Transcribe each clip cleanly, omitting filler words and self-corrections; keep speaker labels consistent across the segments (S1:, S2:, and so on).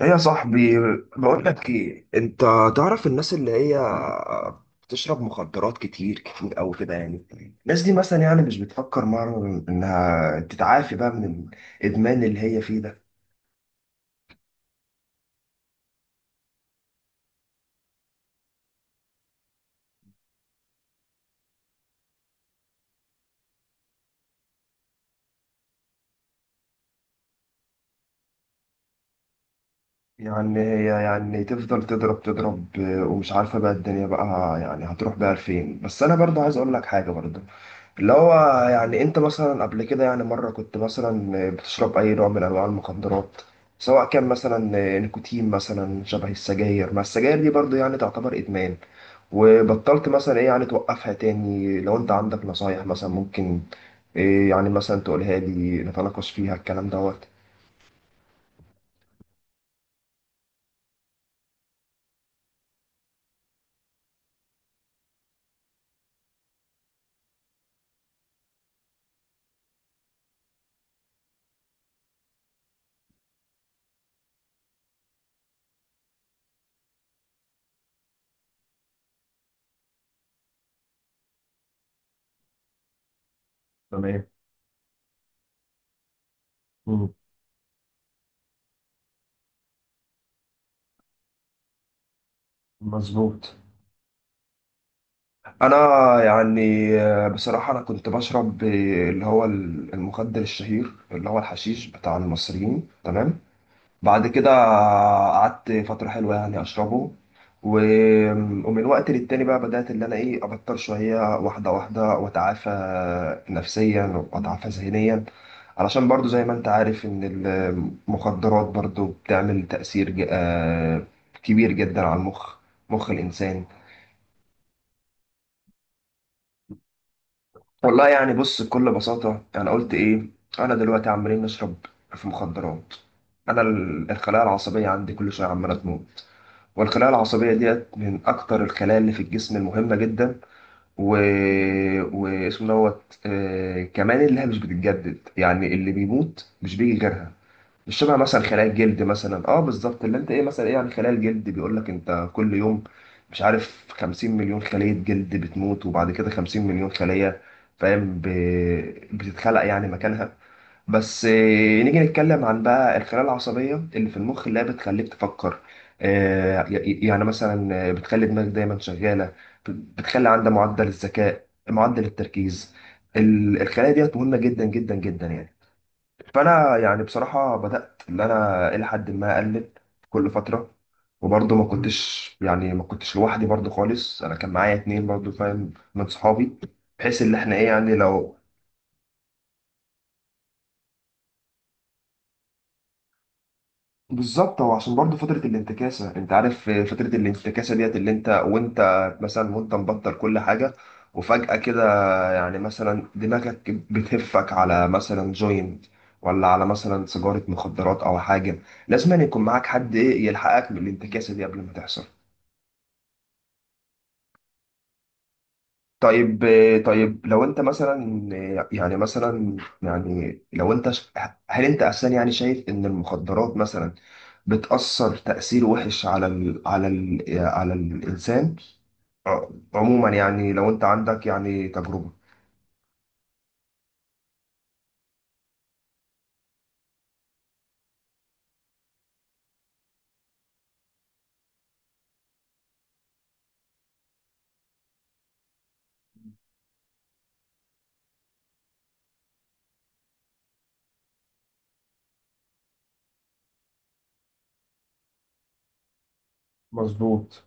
S1: ايه يا صاحبي، بقول لك ايه انت. تعرف الناس اللي هي بتشرب مخدرات كتير او كده يعني. الناس دي مثلا يعني مش بتفكر مرة انها تتعافي بقى من الادمان اللي هي فيه ده؟ يعني هي يعني تفضل تضرب ومش عارفة بقى الدنيا بقى يعني هتروح بقى لفين. بس انا برضه عايز اقول لك حاجة برضه، اللي هو يعني انت مثلا قبل كده يعني مرة كنت مثلا بتشرب اي نوع من انواع المخدرات، سواء كان مثلا نيكوتين مثلا شبه السجاير. ما السجاير دي برضه يعني تعتبر ادمان. وبطلت مثلا ايه يعني توقفها تاني؟ لو انت عندك نصايح مثلا ممكن ايه يعني مثلا تقولها لي نتناقش فيها الكلام دوت. تمام. مم. مظبوط. انا يعني آه، بصراحة انا كنت بشرب آه، اللي هو المخدر الشهير اللي هو الحشيش بتاع المصريين، تمام. بعد كده قعدت فترة حلوة يعني أشربه و... ومن وقت للتاني بقى بدأت اللي أنا إيه أبطل شوية، واحدة واحدة، وأتعافى نفسيا وأتعافى ذهنيا. علشان برضو زي ما أنت عارف إن المخدرات برضو بتعمل تأثير آه، كبير جدا على المخ، مخ الإنسان. والله يعني بص، بكل بساطة أنا قلت إيه، أنا دلوقتي عمالين نشرب في مخدرات. أنا الخلايا العصبية عندي كل شوية عمالة تموت، والخلايا العصبية ديت من أكتر الخلايا اللي في الجسم المهمة جدا، و... واسمه دوت آه، كمان اللي هي مش بتتجدد، يعني اللي بيموت مش بيجي غيرها. مش شبه مثلا خلايا الجلد مثلا، اه بالظبط، اللي انت ايه مثلا ايه، يعني خلايا الجلد بيقول لك انت كل يوم مش عارف 50 مليون خلية جلد بتموت، وبعد كده 50 مليون خلية فاهم بتتخلق يعني مكانها. بس آه، نيجي نتكلم عن بقى الخلايا العصبية اللي في المخ، اللي هي بتخليك تفكر، آه، يعني مثلا آه، بتخلي دماغك دايما شغالة، بت- بتخلي عندها معدل الذكاء، معدل التركيز. الخلايا ديت مهمة جدا جدا جدا يعني. فانا يعني بصراحه بدات ان انا الى حد ما اقلل كل فتره. وبرضه ما كنتش يعني ما كنتش لوحدي برضه خالص، انا كان معايا اتنين برضه فاهم من صحابي، بحيث ان احنا ايه يعني لو. بالظبط. هو عشان برضه فتره الانتكاسه، انت عارف فتره الانتكاسه ديت اللي انت وانت مثلا وانت مبطل كل حاجه، وفجاه كده يعني مثلا دماغك بتهفك على مثلا جوينت، ولا على مثلا سيجارة مخدرات أو حاجة. لازم أن يكون معاك حد إيه يلحقك من الانتكاسة دي قبل ما تحصل. طيب. طيب لو أنت مثلا يعني مثلا يعني لو أنت هل أنت أساسا يعني شايف إن المخدرات مثلا بتأثر تأثير وحش على ال على ال على الإنسان، ع- عموما يعني لو أنت عندك يعني تجربة. مظبوط.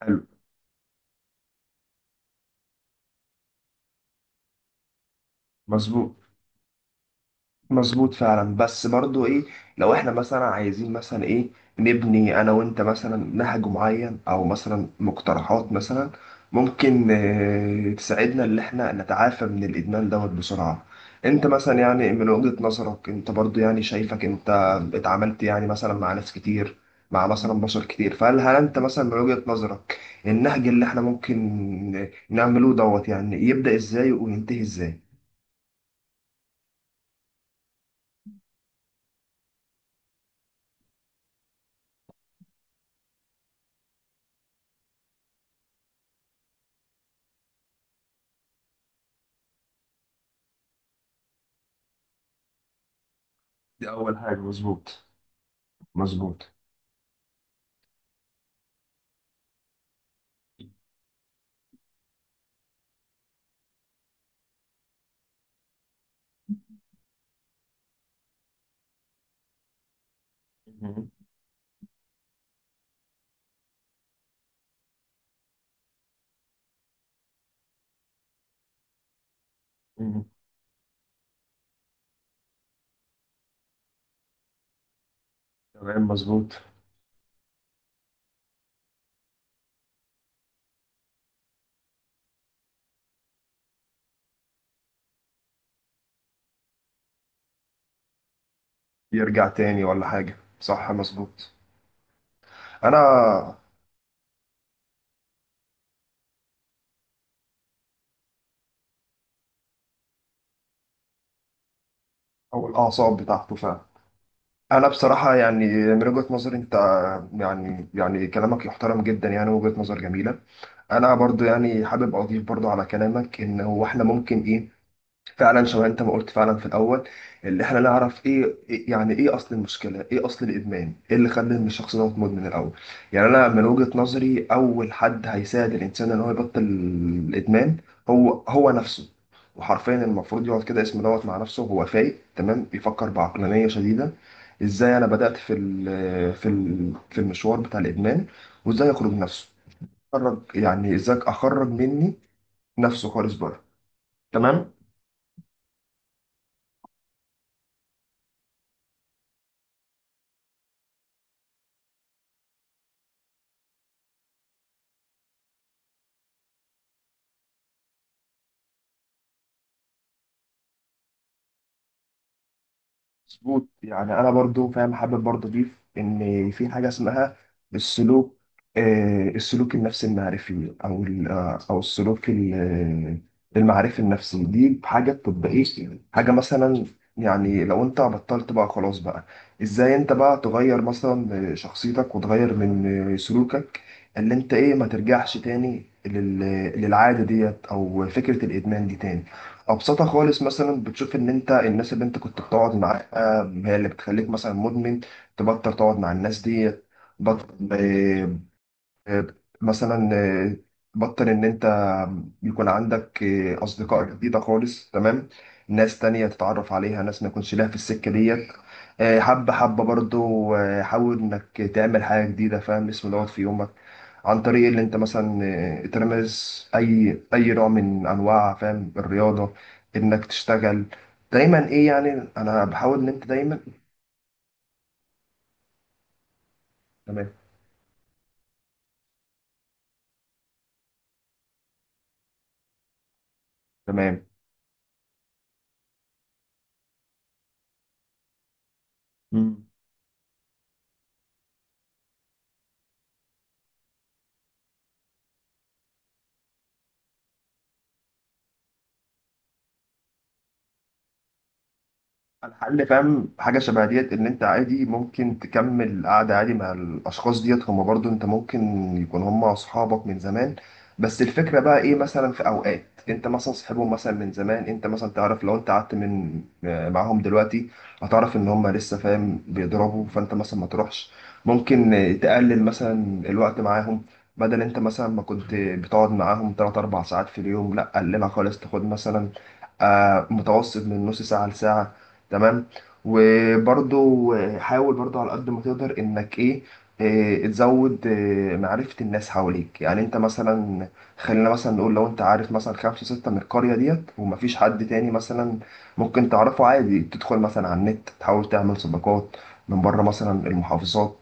S1: حلو. مظبوط. مظبوط فعلا، بس برضو ايه، لو احنا مثلا عايزين مثلا ايه نبني انا وانت مثلا نهج معين او مثلا مقترحات مثلا ممكن آه، تساعدنا ان احنا نتعافى من الادمان دوت بسرعة. انت مثلا يعني من وجهة نظرك انت برضو يعني شايفك انت اتعاملت يعني مثلا مع ناس كتير، مع مثلا بشر كتير، فهل انت مثلا من وجهة نظرك النهج اللي احنا ممكن نعمله دوت يعني يبدأ ازاي وينتهي ازاي؟ دي أول حاجة، مظبوط. مظبوط. مم. مم. تمام، مظبوط. يرجع تاني ولا حاجة، صح، مظبوط. أنا. أو الأعصاب بتاعته فعلا. أنا بصراحة يعني من وجهة نظري أنت، يعني يعني كلامك يحترم جدا، يعني وجهة نظر جميلة. أنا برضو يعني حابب أضيف برضو على كلامك إن هو إحنا ممكن إيه فعلا شبه انت ما قلت فعلا في الاول، اللي احنا نعرف ايه يعني ايه اصل المشكله، ايه اصل الادمان، ايه اللي خلى ان الشخص ده مدمن الاول. يعني انا من وجهه نظري اول حد هيساعد الانسان ان هو يبطل الادمان هو هو نفسه. وحرفيا المفروض يقعد كده اسمه دوت مع نفسه وهو فايق تمام، بيفكر بعقلانيه شديده، ازاي انا بدات في ال في ال في المشوار بتاع الادمان، وازاي اخرج نفسه، اخرج يعني ازاي اخرج مني نفسه خالص بره. تمام. مظبوط. يعني انا برضو فاهم، حابب برضو اضيف ان في حاجه اسمها السلوك، آه، السلوك النفسي المعرفي او آه، او السلوك آه، المعرفي النفسي. دي حاجه تطبيقيه، حاجه مثلا يعني لو انت بطلت بقى خلاص بقى، ازاي انت بقى تغير مثلا شخصيتك وتغير من آه، سلوكك اللي انت ايه ما ترجعش تاني للعاده ديت او فكره الادمان دي تاني. ابسطها خالص، مثلا بتشوف ان انت الناس اللي انت كنت بتقعد معاها هي اللي بتخليك مثلا مدمن، تبطل تقعد مع الناس دي. بطل مثلا آه، بطل ان انت يكون عندك آه، اصدقاء جديده خالص، تمام. ناس تانية تتعرف عليها، ناس ما يكونش لها في السكه ديت. آه، حبه حبه برضو آه، حاول انك تعمل حاجه جديده فاهم اسم دوت في يومك، عن طريق اللي انت مثلا آه، ترمز اي نوع من انواع فاهم الرياضه، انك تشتغل دايما ايه، يعني انا بحاول ان انت دايما. تمام. تمام. الحل فاهم حاجة شبه ديت إن أنت عادي ممكن تكمل قعدة عادي مع الأشخاص ديت، هما برضو أنت ممكن يكون هما أصحابك من زمان. بس الفكرة بقى إيه، مثلا في أوقات أنت مثلا صاحبهم مثلا من زمان، أنت مثلا تعرف لو أنت قعدت من آه، معاهم دلوقتي هتعرف إن هما لسه فاهم بيضربوا، فأنت مثلا ما تروحش. ممكن تقلل مثلا الوقت معاهم، بدل أنت مثلا ما كنت بتقعد معاهم 3 4 ساعات في اليوم، لأ قللها خالص، تاخد مثلا آه، متوسط من نص ساعة لساعة، تمام. وبرضو حاول برضو على قد ما تقدر انك ايه إيه، تزود إيه، معرفة الناس حواليك، يعني انت مثلا خلينا مثلا نقول لو انت عارف مثلا 5 6 من القرية ديت ومفيش حد تاني مثلا ممكن تعرفه عادي، تدخل مثلا على النت تحاول تعمل صداقات من بره مثلا المحافظات،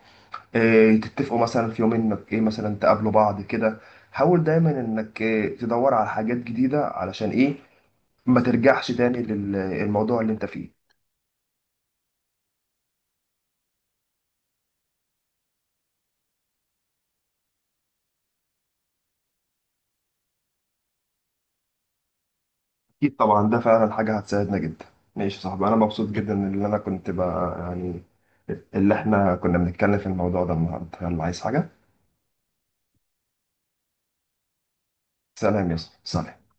S1: إيه، تتفقوا مثلا في يوم انك ايه مثلا تقابلوا بعض كده. حاول دايما انك إيه، تدور على حاجات جديدة علشان ايه ما ترجعش تاني للموضوع اللي انت فيه. أكيد طبعا، ده فعلا حاجة هتساعدنا جدا. ماشي يا صاحبي، أنا مبسوط جدا إن أنا كنت بقى يعني اللي إحنا كنا بنتكلم في الموضوع ده النهاردة. يلا، عايز حاجة؟ سلام يا صاحبي، سلام.